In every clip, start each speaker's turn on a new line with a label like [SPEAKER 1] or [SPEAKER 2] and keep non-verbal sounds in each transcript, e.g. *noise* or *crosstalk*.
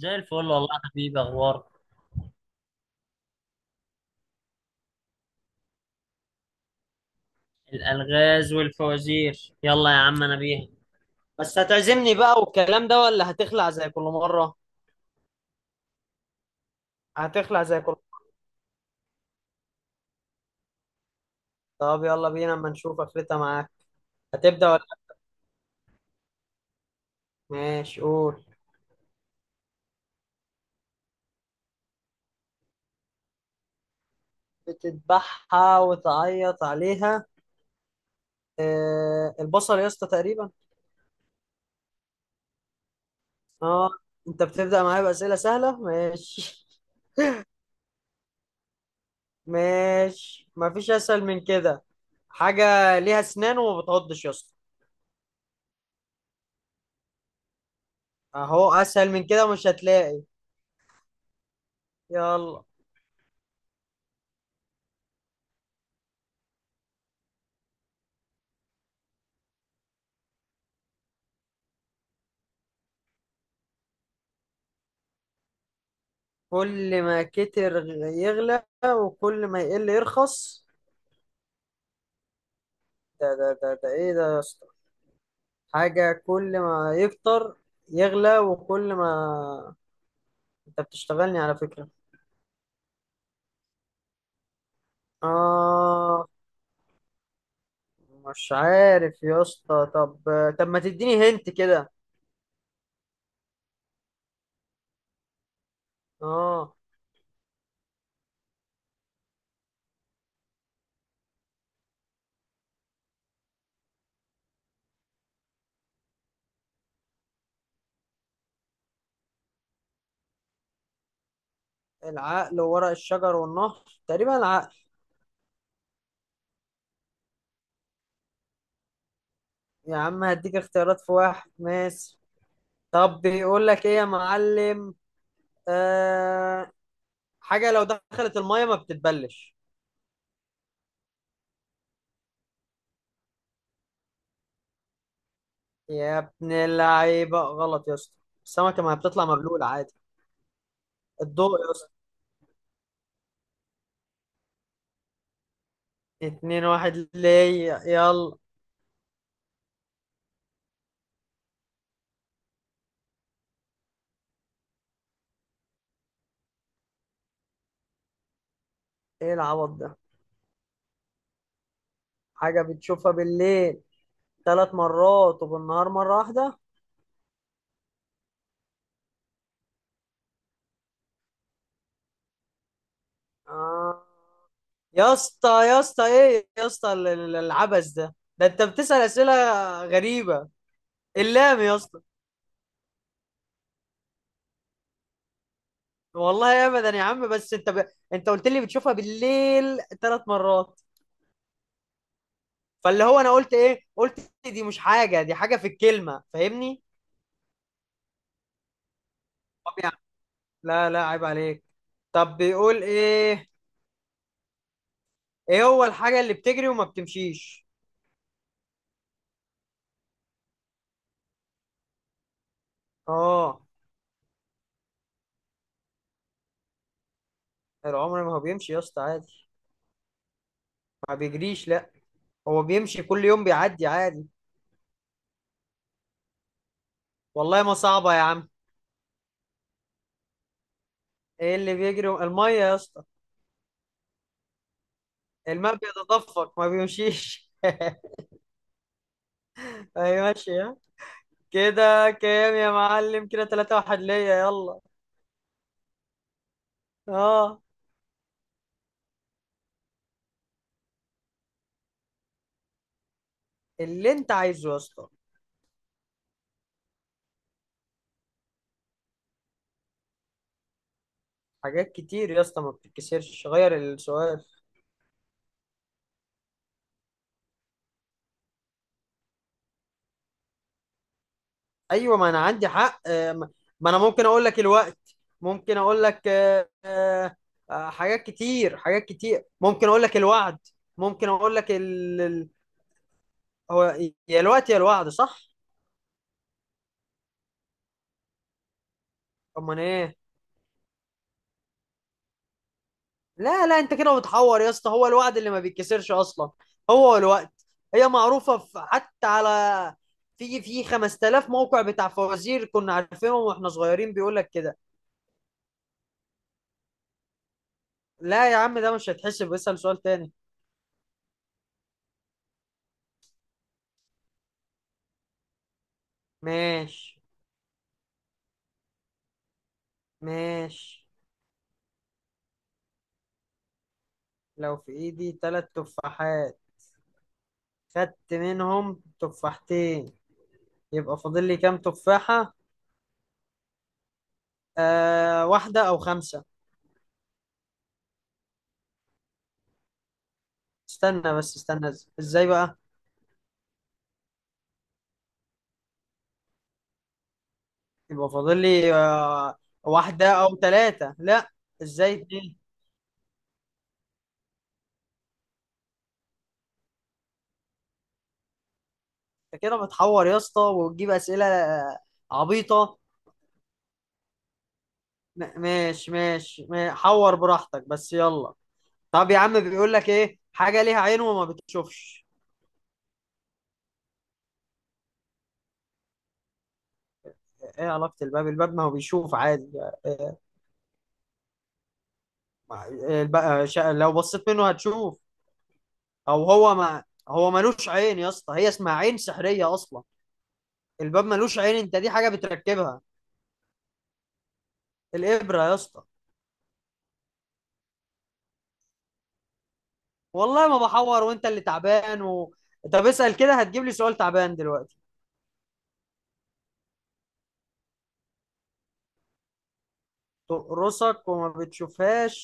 [SPEAKER 1] زي الفل والله يا حبيبي، اخبارك؟ الالغاز والفوازير، يلا يا عم انا بيها. بس هتعزمني بقى والكلام ده ولا هتخلع زي كل مرة؟ هتخلع زي كل مرة. طب يلا بينا اما نشوف قفلتها معاك. هتبدأ ولا ماشي؟ قول. بتذبحها وتعيط عليها، آه البصل يا اسطى تقريبا. اه. انت بتبدأ معايا بأسئلة سهلة ماشي، ماشي مفيش أسهل من كده. حاجة ليها أسنان وما بتعضش يا اسطى، أهو أسهل من كده مش هتلاقي. يلا. كل ما كتر يغلى وكل ما يقل يرخص؟ ده ده ده ده ايه ده يا اسطى؟ حاجة كل ما يكتر يغلى وكل ما، انت بتشتغلني على فكرة. اه. مش عارف يا اسطى، طب طب ما تديني هنت كده. اه. العقل وورق الشجر والنهر، تقريبا العقل. يا عم هديك اختيارات في واحد ماشي. طب بيقول لك ايه يا معلم؟ آه. حاجة لو دخلت المية ما بتتبلش، يا ابن اللعيبة غلط يا اسطى. السمكة ما بتطلع مبلولة عادي. الضوء يا اسطى. اتنين واحد ليا، يلا. ايه العبط ده؟ حاجة بتشوفها بالليل ثلاث مرات وبالنهار مرة واحدة. آه. يا اسطى يا اسطى ايه يا اسطى، العبث ده ده، انت بتسأل أسئلة غريبة. اللام يا اسطى. والله ابدا يا عم، بس انت انت قلت لي بتشوفها بالليل ثلاث مرات، فاللي هو انا قلت ايه، قلت دي مش حاجه، دي حاجه في الكلمه، فاهمني؟ طب يعني لا لا، عيب عليك. طب بيقول ايه؟ ايه هو الحاجه اللي بتجري وما بتمشيش؟ اه. العمر ما هو بيمشي يا اسطى عادي، ما بيجريش لا. هو بيمشي كل يوم بيعدي عادي. والله ما صعبه يا عم. ايه اللي بيجري الميه يا اسطى، الماء بيتدفق ما بيمشيش *laughs* ايوه ماشي، ها؟ كده كام يا معلم؟ كده 3 واحد ليا، يلا. اه. اللي انت عايزه يا اسطى. حاجات كتير يا اسطى ما بتتكسرش غير السؤال. ايوه ما انا عندي حق، ما ما انا ممكن اقول لك الوقت، ممكن اقول لك حاجات كتير حاجات كتير، ممكن اقول لك الوعد، ممكن اقول لك هو، يا الوقت يا الوعد صح. امال ايه؟ لا، انت كده بتحور يا اسطى، هو الوعد اللي ما بيتكسرش اصلا، هو الوقت. هي معروفة في حتى على، في 5000 موقع بتاع فوازير كنا عارفينهم واحنا صغيرين بيقول لك كده. لا يا عم ده مش هيتحسب، اسأل سؤال تاني. ماشي. ماشي. لو في ايدي تلات تفاحات خدت منهم تفاحتين، يبقى فاضل لي كام تفاحة؟ آه، واحدة او خمسة. استنى بس استنى، ازاي بقى؟ يبقى فاضل لي آه، واحدة او تلاتة، لا ازاي اتنين؟ انت كده بتحور يا اسطى وتجيب اسئلة عبيطة. ماشي ماشي، حور براحتك بس يلا. طب يا عم بيقول لك ايه، حاجه ليها عين وما بتشوفش. ايه علاقه الباب؟ الباب ما هو بيشوف عادي. إيه؟ ما- لو بصيت منه هتشوف، او هو ما هو ملوش عين يا اسطى، هي اسمها عين سحريه اصلا. الباب ملوش عين، انت دي حاجه بتركبها. الابره يا اسطى. والله ما بحور وانت اللي تعبان و... طب اسال كده، هتجيب لي سؤال تعبان دلوقتي. تقرصك وما بتشوفهاش،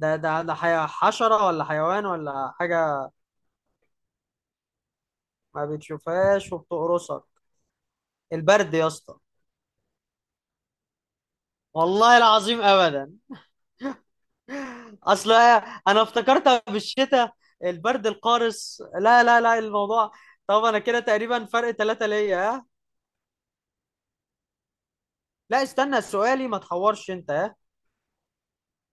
[SPEAKER 1] ده ده ده حشره ولا حيوان ولا حاجه. ما بتشوفهاش وبتقرصك، البرد يا اسطى. والله العظيم ابدا، اصل انا افتكرتها بالشتاء، البرد القارس لا لا لا الموضوع. طب انا كده تقريبا فرق ثلاثة ليا، ها. لا استنى سؤالي ما تحورش انت، ها.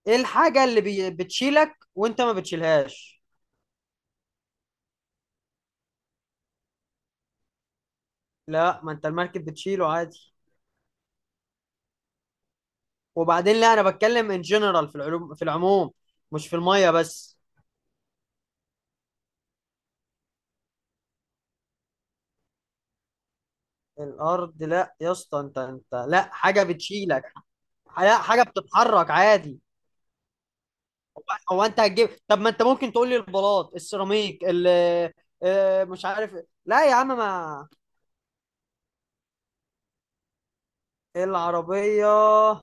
[SPEAKER 1] ايه الحاجة اللي بتشيلك وانت ما بتشيلهاش؟ لا ما انت المركب بتشيله عادي، وبعدين لا انا بتكلم ان جنرال في العلوم، في العموم مش في المية بس. الارض لا يا اسطى، انت لا حاجة بتشيلك، لا حاجة بتتحرك عادي. هو انت هتجيب؟ طب ما انت ممكن تقول لي البلاط السيراميك، ال آه، مش عارف. لا يا عم ما العربية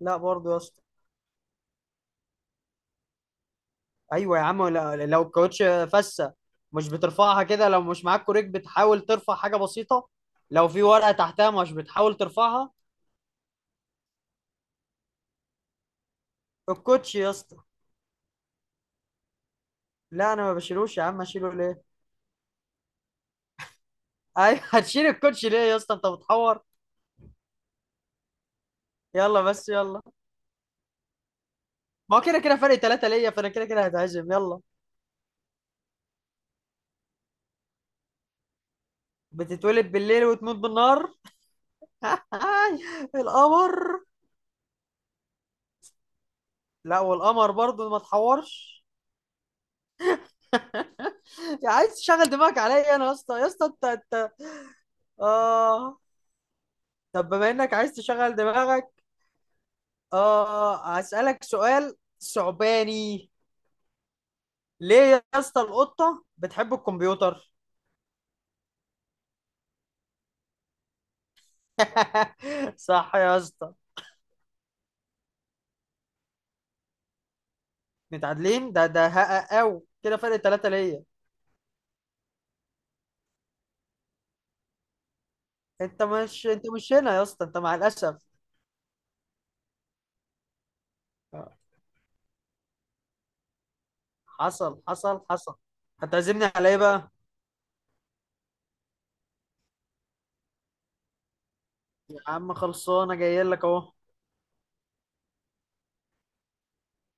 [SPEAKER 1] لا برضه يا اسطى. ايوه يا عم، لو الكاوتش فسة مش بترفعها كده، لو مش معاك كوريك بتحاول ترفع حاجة بسيطة، لو في ورقة تحتها مش بتحاول ترفعها. الكوتش يا اسطى. لا انا ما بشيلوش يا عم، اشيله ليه؟ ايوه *laughs* هتشيل الكوتش ليه يا اسطى؟ انت بتحور. يلا بس يلا. ما هو كده كده فرق ثلاثة ليا، فانا كده كده هتعزم يلا. بتتولد بالليل وتموت بالنهار، *laughs* القمر. لا والقمر برضو، ما تحورش. يا عايز تشغل دماغك عليا انا يا اسطى يا اسطى، انت اه، طب بما انك عايز تشغل دماغك اه، هسألك سؤال ثعباني. ليه يا اسطى القطة بتحب الكمبيوتر؟ *laughs* صح يا اسطى. متعادلين؟ ده ده هقى او كده فرق ثلاثة ليا. انت مش، انت مش هنا يا اسطى، انت مع الاسف آه، حصل حصل حصل. هتعزمني على ايه بقى؟ يا عم خلصانه، جاي لك اهو.